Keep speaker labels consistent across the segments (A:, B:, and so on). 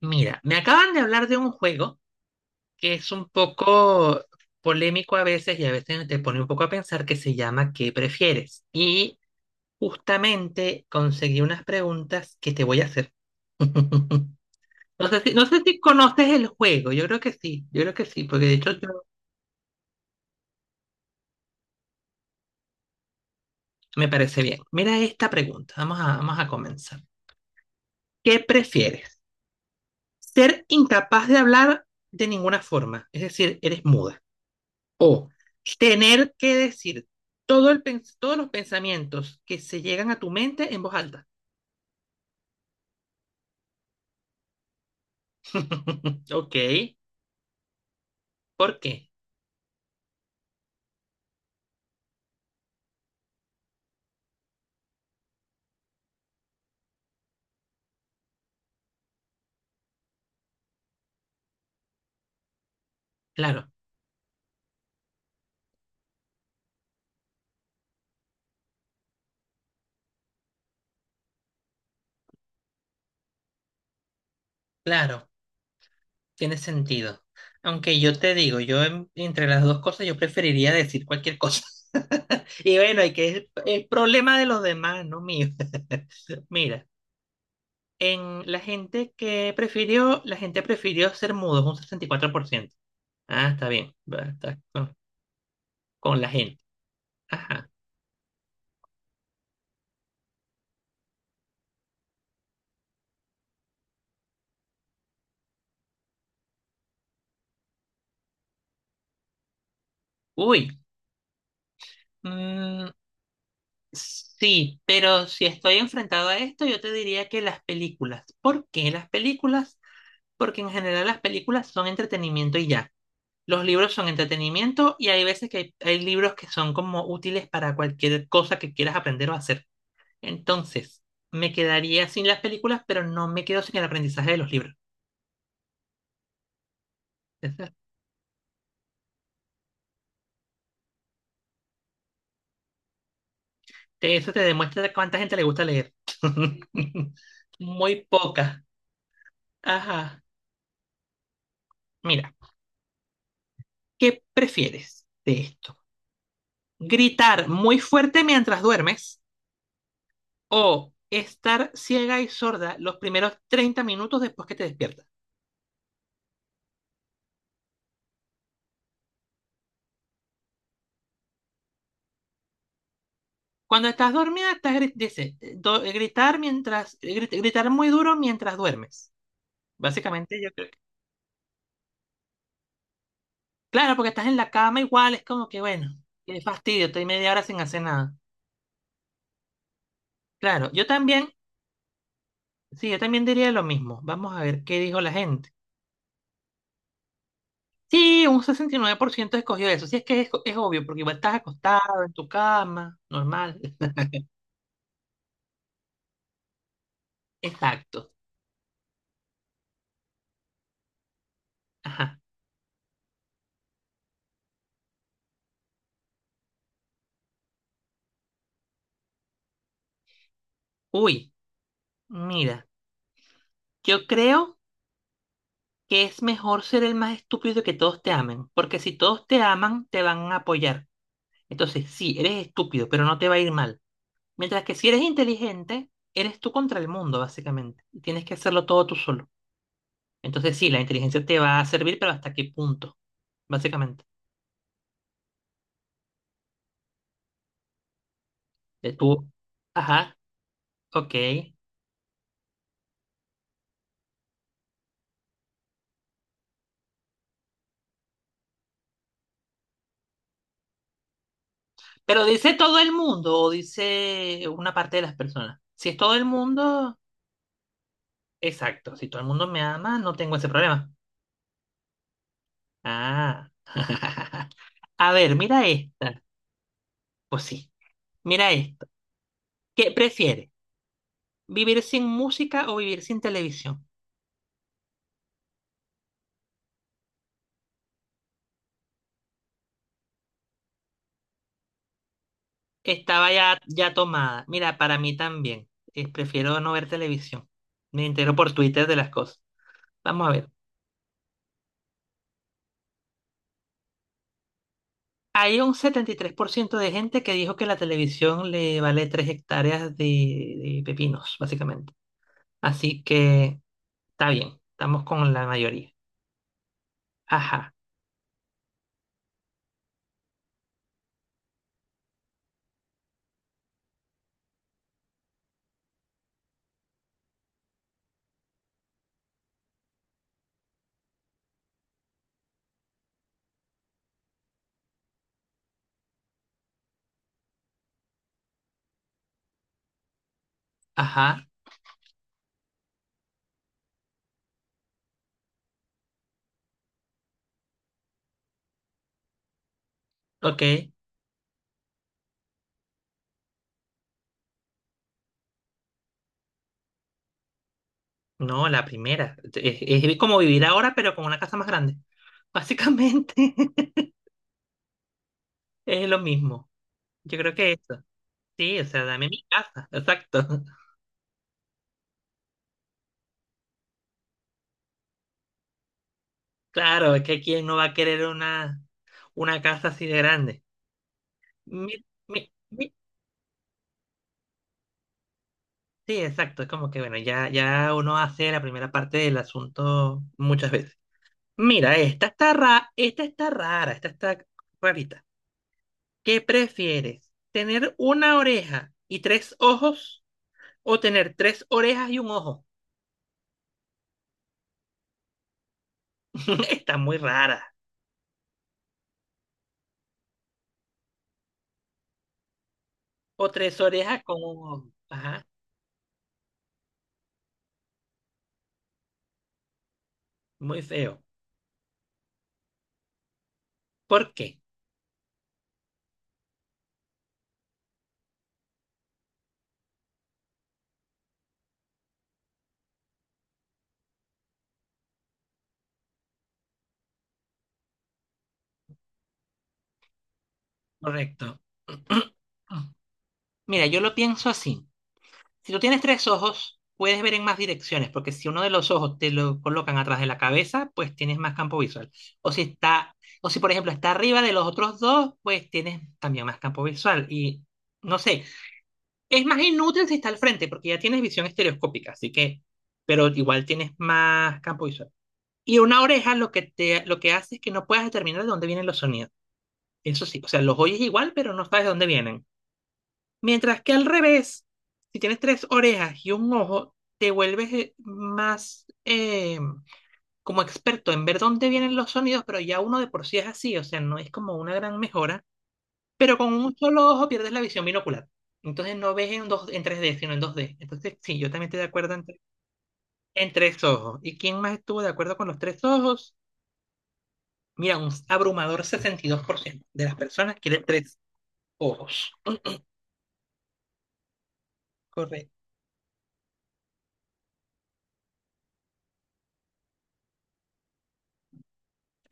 A: Mira, me acaban de hablar de un juego que es un poco polémico a veces y a veces te pone un poco a pensar que se llama ¿Qué prefieres? Y justamente conseguí unas preguntas que te voy a hacer. No sé si conoces el juego, yo creo que sí, yo creo que sí, porque de hecho yo- Me parece bien. Mira esta pregunta, vamos a comenzar. ¿Qué prefieres? ¿Ser incapaz de hablar de ninguna forma? Es decir, eres muda. ¿O tener que decir todos los pensamientos que se llegan a tu mente en voz alta? Ok, ¿por qué? Claro, claro, tiene sentido. Aunque yo te digo, entre las dos cosas yo preferiría decir cualquier cosa. Y bueno, hay que es el problema de los demás, no mío. Mira, en la gente que prefirió, la gente prefirió ser mudos, un 64%. Ah, está bien, va, está con la gente. Ajá. Uy. Mm, sí, pero si estoy enfrentado a esto, yo te diría que las películas. ¿Por qué las películas? Porque en general las películas son entretenimiento y ya. Los libros son entretenimiento y hay veces que hay libros que son como útiles para cualquier cosa que quieras aprender o hacer. Entonces, me quedaría sin las películas, pero no me quedo sin el aprendizaje de los libros. Eso eso te demuestra cuánta gente le gusta leer. Muy poca. Ajá. Mira, ¿qué prefieres de esto? ¿Gritar muy fuerte mientras duermes o estar ciega y sorda los primeros 30 minutos después que te despiertas? Cuando estás dormida, estás dice, gritar mientras, gritar muy duro mientras duermes. Básicamente, yo creo que. Claro, porque estás en la cama igual, es como que, bueno, qué fastidio, estoy media hora sin hacer nada. Claro, yo también, sí, yo también diría lo mismo. Vamos a ver qué dijo la gente. Sí, un 69% escogió eso. Sí, es que es obvio, porque igual estás acostado en tu cama, normal. Exacto. Ajá. Uy, mira, yo creo que es mejor ser el más estúpido que todos te amen, porque si todos te aman, te van a apoyar. Entonces, sí, eres estúpido, pero no te va a ir mal. Mientras que si eres inteligente, eres tú contra el mundo, básicamente. Y tienes que hacerlo todo tú solo. Entonces, sí, la inteligencia te va a servir, pero ¿hasta qué punto? Básicamente. De tú. Ajá, ok. Pero dice todo el mundo o dice una parte de las personas. Si es todo el mundo. Exacto, si todo el mundo me ama, no tengo ese problema. Ah. A ver, mira esta. Pues sí, mira esto, ¿Qué prefieres? ¿Vivir sin música o vivir sin televisión? Estaba ya tomada. Mira, para mí también. Prefiero no ver televisión. Me entero por Twitter de las cosas. Vamos a ver. Hay un 73% de gente que dijo que la televisión le vale 3 hectáreas de pepinos, básicamente. Así que está bien, estamos con la mayoría. Ajá. Ajá, ok. No, la primera. Es como vivir ahora, pero con una casa más grande. Básicamente es lo mismo. Yo creo que eso. Sí, o sea, dame mi casa. Exacto. Claro, es que quién no va a querer una casa así de grande. Mi- mi- mi- sí, exacto. Es como que, bueno, ya uno hace la primera parte del asunto muchas veces. Mira, esta está rara, esta está rarita. ¿Qué prefieres? ¿Tener una oreja y tres ojos o tener tres orejas y un ojo? Está muy rara. O tres orejas con un ojo. Ajá, muy feo. ¿Por qué? Correcto. Mira, yo lo pienso así. Si tú tienes tres ojos, puedes ver en más direcciones, porque si uno de los ojos te lo colocan atrás de la cabeza, pues tienes más campo visual. O si está, o si por ejemplo está arriba de los otros dos, pues tienes también más campo visual. Y no sé. Es más inútil si está al frente, porque ya tienes visión estereoscópica, así que, pero igual tienes más campo visual. Y una oreja lo que te, lo que hace es que no puedas determinar de dónde vienen los sonidos. Eso sí, o sea, los oyes igual, pero no sabes de dónde vienen. Mientras que al revés, si tienes tres orejas y un ojo, te vuelves más como experto en ver dónde vienen los sonidos, pero ya uno de por sí es así, o sea, no es como una gran mejora pero con un solo ojo pierdes la visión binocular. Entonces no ves en, dos, en 3D sino en 2D. Entonces, sí, yo también estoy de acuerdo en, en tres ojos. ¿Y quién más estuvo de acuerdo con los tres ojos? Mira, un abrumador 62% de las personas quiere tres ojos. Correcto.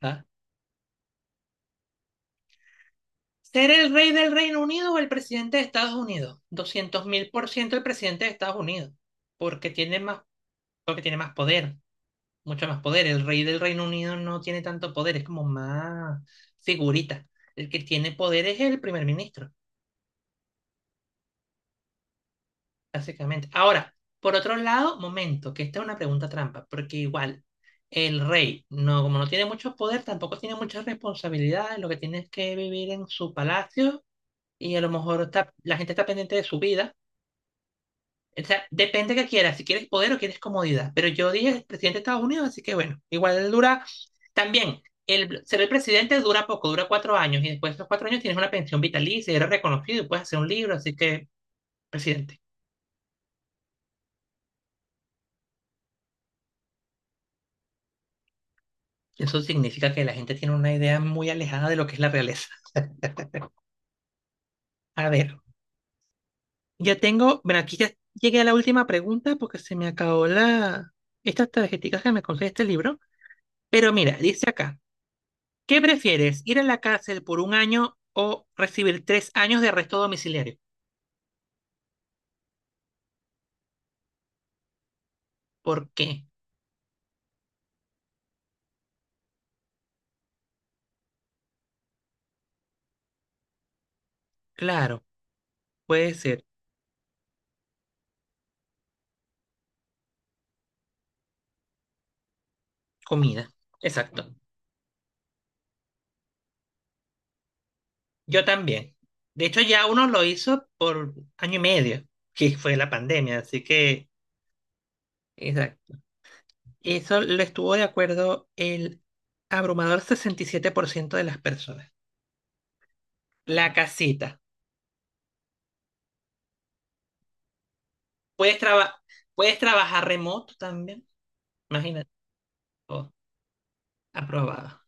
A: Ajá. ¿Ser el rey del Reino Unido o el presidente de Estados Unidos? 200.000% el presidente de Estados Unidos, porque tiene más, porque tiene más poder. Mucho más poder. El rey del Reino Unido no tiene tanto poder, es como más figurita. El que tiene poder es el primer ministro, básicamente. Ahora, por otro lado, momento, que esta es una pregunta trampa, porque igual el rey, no, como no tiene mucho poder, tampoco tiene muchas responsabilidades, lo que tiene es que vivir en su palacio y a lo mejor está, la gente está pendiente de su vida. O sea, depende que quieras, si quieres poder o quieres comodidad. Pero yo dije el presidente de Estados Unidos, así que bueno, igual dura también. El, ser el presidente dura poco, dura 4 años y después de esos 4 años tienes una pensión vitalicia, eres reconocido y puedes hacer un libro, así que presidente. Eso significa que la gente tiene una idea muy alejada de lo que es la realeza. A ver, ya tengo, bueno, aquí ya llegué a la última pregunta porque se me acabó estas tarjeticas que me conseguí este libro. Pero mira, dice acá, ¿Qué prefieres? ¿Ir a la cárcel por un año o recibir 3 años de arresto domiciliario? ¿Por qué? Claro, puede ser comida. Exacto. Yo también. De hecho, ya uno lo hizo por año y medio, que fue la pandemia, así que. Exacto. Eso lo estuvo de acuerdo el abrumador 67% de las personas. La casita. Puedes, traba- Puedes trabajar remoto también. Imagínate. Todo. Aprobado.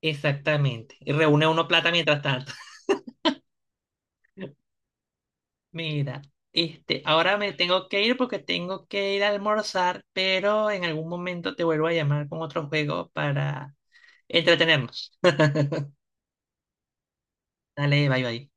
A: Exactamente. Y reúne uno plata mientras tanto. Mira, ahora me tengo que ir porque tengo que ir a almorzar, pero en algún momento te vuelvo a llamar con otro juego para entretenernos. Dale, bye bye.